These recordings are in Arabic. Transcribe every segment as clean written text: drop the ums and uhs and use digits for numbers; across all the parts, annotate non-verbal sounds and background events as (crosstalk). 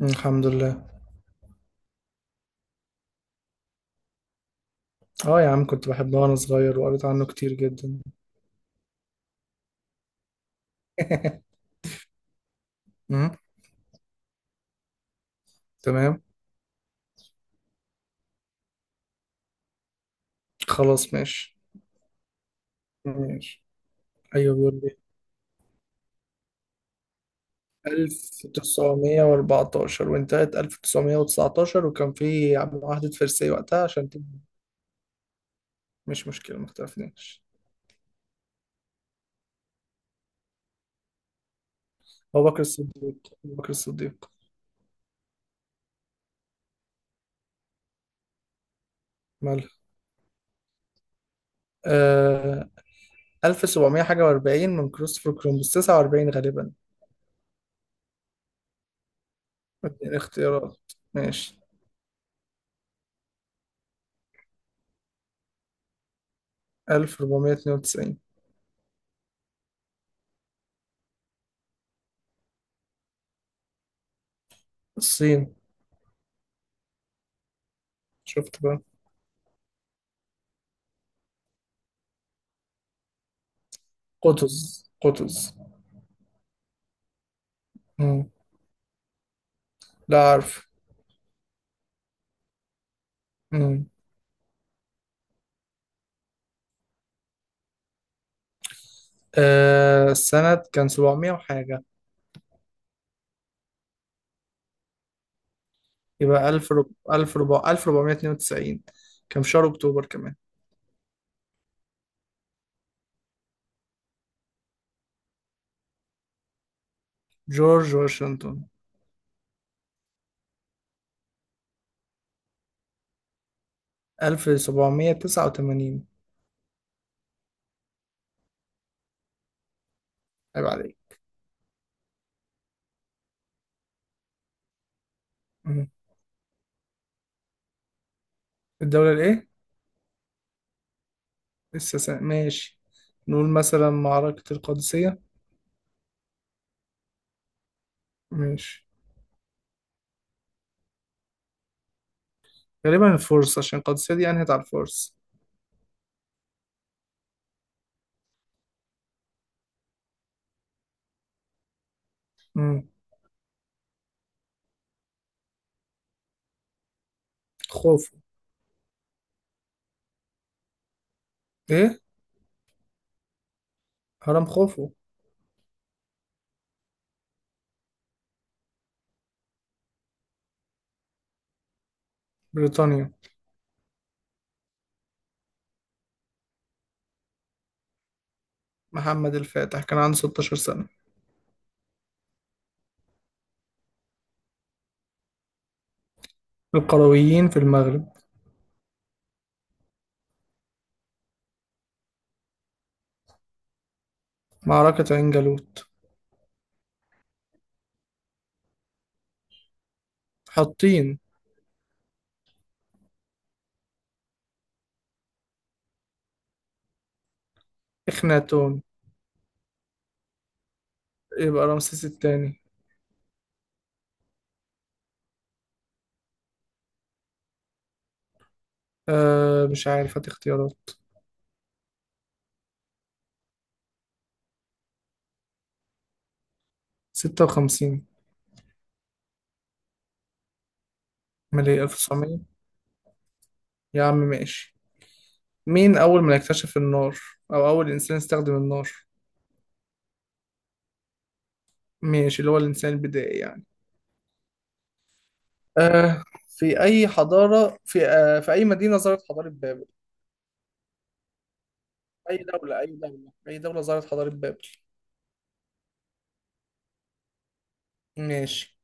الحمد لله. اه يا عم، كنت بحبها وانا صغير وقريت عنه كتير جدا. (laughs) مم، تمام. خلاص ماشي. ماشي، ايوه بيقول لي 1914، وانتهت 1919، وكان في معاهدة فرساي وقتها عشان مش مشكلة، ما اختلفناش. أبو بكر الصديق أبو بكر الصديق. مالها؟ آه 1700 حاجة و40 من كريستوفر كولومبوس، 49 غالبا. اختيارات، ماشي. 1492. الصين. شفت بقى. قطز. مم. لا عارف. مم. آه، السنة كان 700 وحاجة. يبقى 1000 رب... 1000 ربع... 1492، كان في شهر أكتوبر كمان. جورج واشنطن. 1789. عيب عليك. مم. الدولة الإيه؟ لسه سنة. ماشي، نقول مثلا معركة القادسية. ماشي. غالبا الفرس، عشان القادسية دي أنهت على الفرس. مم. خوفو. إيه؟ هرم خوفو. بريطانيا. محمد الفاتح كان عنده 16 سنة. القرويين في المغرب. معركة عين جالوت. حاطين. إخناتون. يبقى رمسيس الثاني. أه مش عارف، هات اختيارات. ستة وخمسين. مالي، ألف وتسعمية. يا عم ماشي. مين أول من اكتشف النار، أو أول إنسان استخدم النار؟ ماشي، اللي هو الإنسان البدائي يعني. أه. في أي مدينة ظهرت حضارة بابل؟ أي دولة ظهرت حضارة بابل؟ ماشي.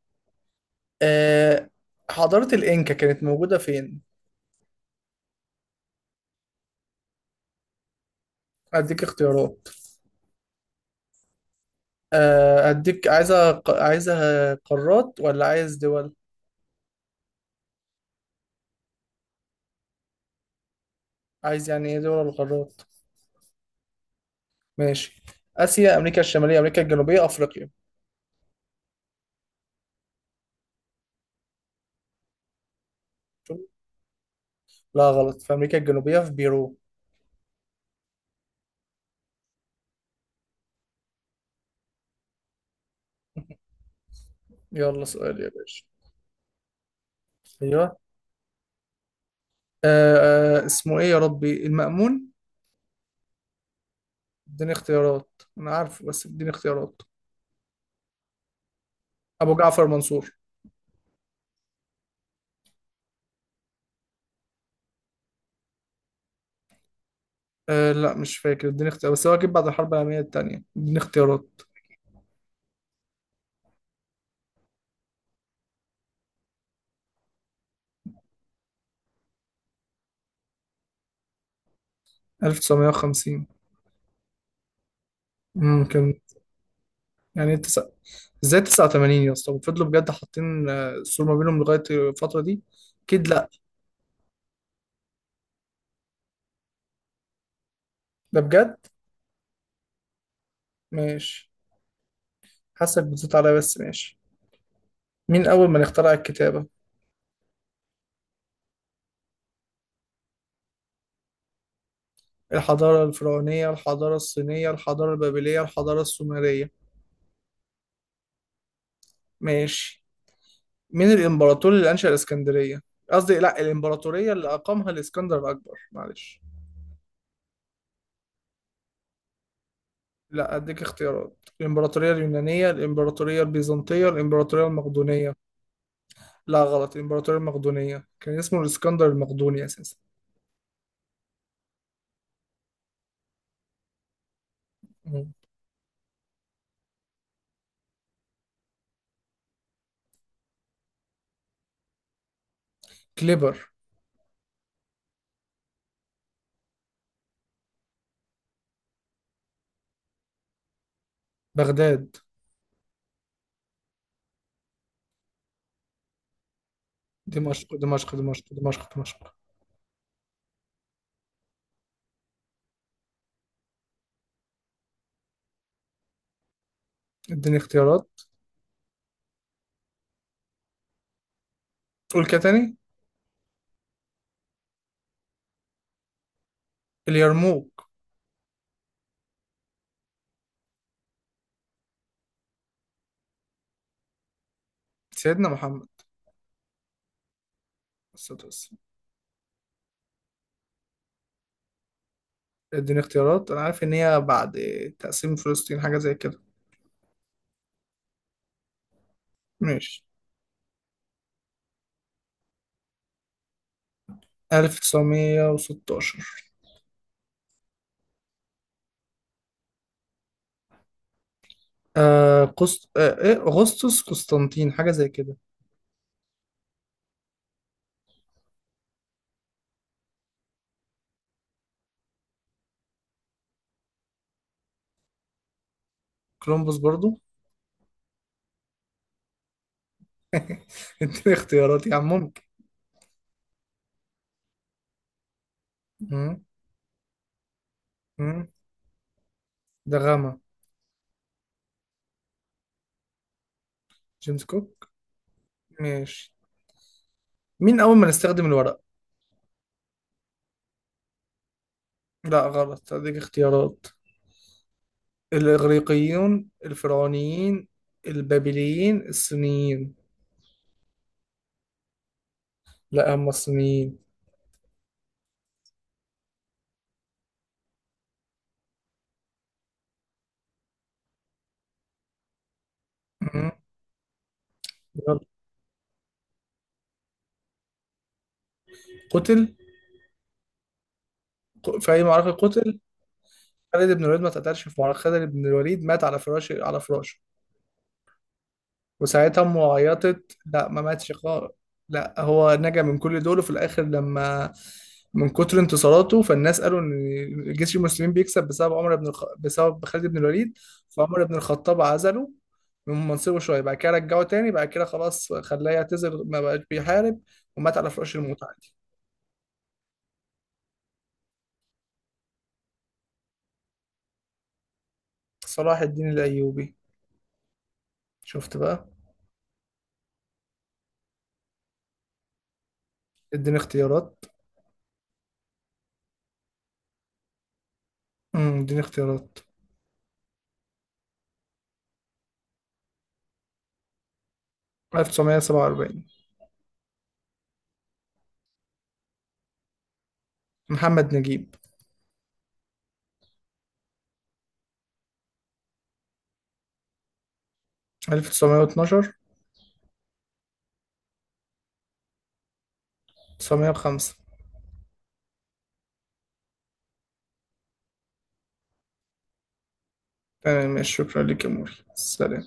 أه. حضارة الإنكا كانت موجودة فين؟ أديك اختيارات. آه، اديك عايزة قارات ولا عايز دول؟ عايز يعني ايه دول القارات. ماشي. اسيا، امريكا الشمالية، امريكا الجنوبية، افريقيا. شوف. لا غلط، في امريكا الجنوبية في بيرو. يلا سؤال يا باشا. ايوه. اسمه ايه يا ربي؟ المأمون. اديني اختيارات، انا عارفه بس اديني اختيارات. ابو جعفر منصور. آه لا مش فاكر، اديني اختيارات، بس هو اكيد بعد الحرب العالمية التانية. اديني اختيارات. 1950. ممكن. يعني تسعة؟ ازاي 89 يا اسطى وفضلوا بجد حاطين السور ما بينهم لغاية الفترة دي؟ أكيد لأ. ده بجد. ماشي. حاسك بتزيد عليا بس ماشي. مين أول من اخترع الكتابة؟ الحضارة الفرعونية، الحضارة الصينية، الحضارة البابلية، الحضارة السومرية. ماشي. مين الإمبراطور اللي أنشأ الإسكندرية؟ قصدي لأ، الإمبراطورية اللي أقامها الإسكندر الأكبر، معلش. لأ أديك اختيارات: الإمبراطورية اليونانية، الإمبراطورية البيزنطية، الإمبراطورية المقدونية. لا غلط، الإمبراطورية المقدونية، كان اسمه الإسكندر المقدوني أساسا. مم. كليبر. بغداد. دمشق. اديني اختيارات. قول كده تاني. اليرموك. سيدنا محمد. الصلاة والسلام. اديني اختيارات، أنا عارف إن هي بعد تقسيم فلسطين، حاجة زي كده. ماشي. 1916. آه قسط آه إيه أغسطس، قسطنطين، حاجة زي كده. كولومبوس برضو. (laughs) اديني اختيارات يا عم، ممكن. مم. مم. ده غامة. جيمس كوك. ماشي. مين أول ما نستخدم الورق؟ لا غلط، هديك اختيارات. الإغريقيون، الفرعونيين، البابليين، الصينيين. لا، هم الصينيين. مم. يلا. قتل؟ في أي معركة قتل خالد بن الوليد؟ ما اتقتلش في معركة، خالد بن الوليد مات على فراشه، على فراشه. وساعتها امه عيطت، لا ما ماتش خالص. لا هو نجا من كل دول، وفي الاخر لما من كتر انتصاراته، فالناس قالوا ان جيش المسلمين بيكسب بسبب بسبب خالد بن الوليد. فعمر بن الخطاب عزله من منصبه، شويه بعد كده رجعه تاني، بعد كده خلاص خلاه يعتزل، ما بقاش بيحارب. ومات على فراش الموت عادي. صلاح الدين الايوبي. شفت بقى. اديني اختيارات. امم، اديني اختيارات. 1947. محمد نجيب. 1912. 905. تمام، شكرا لك يا موري، سلام.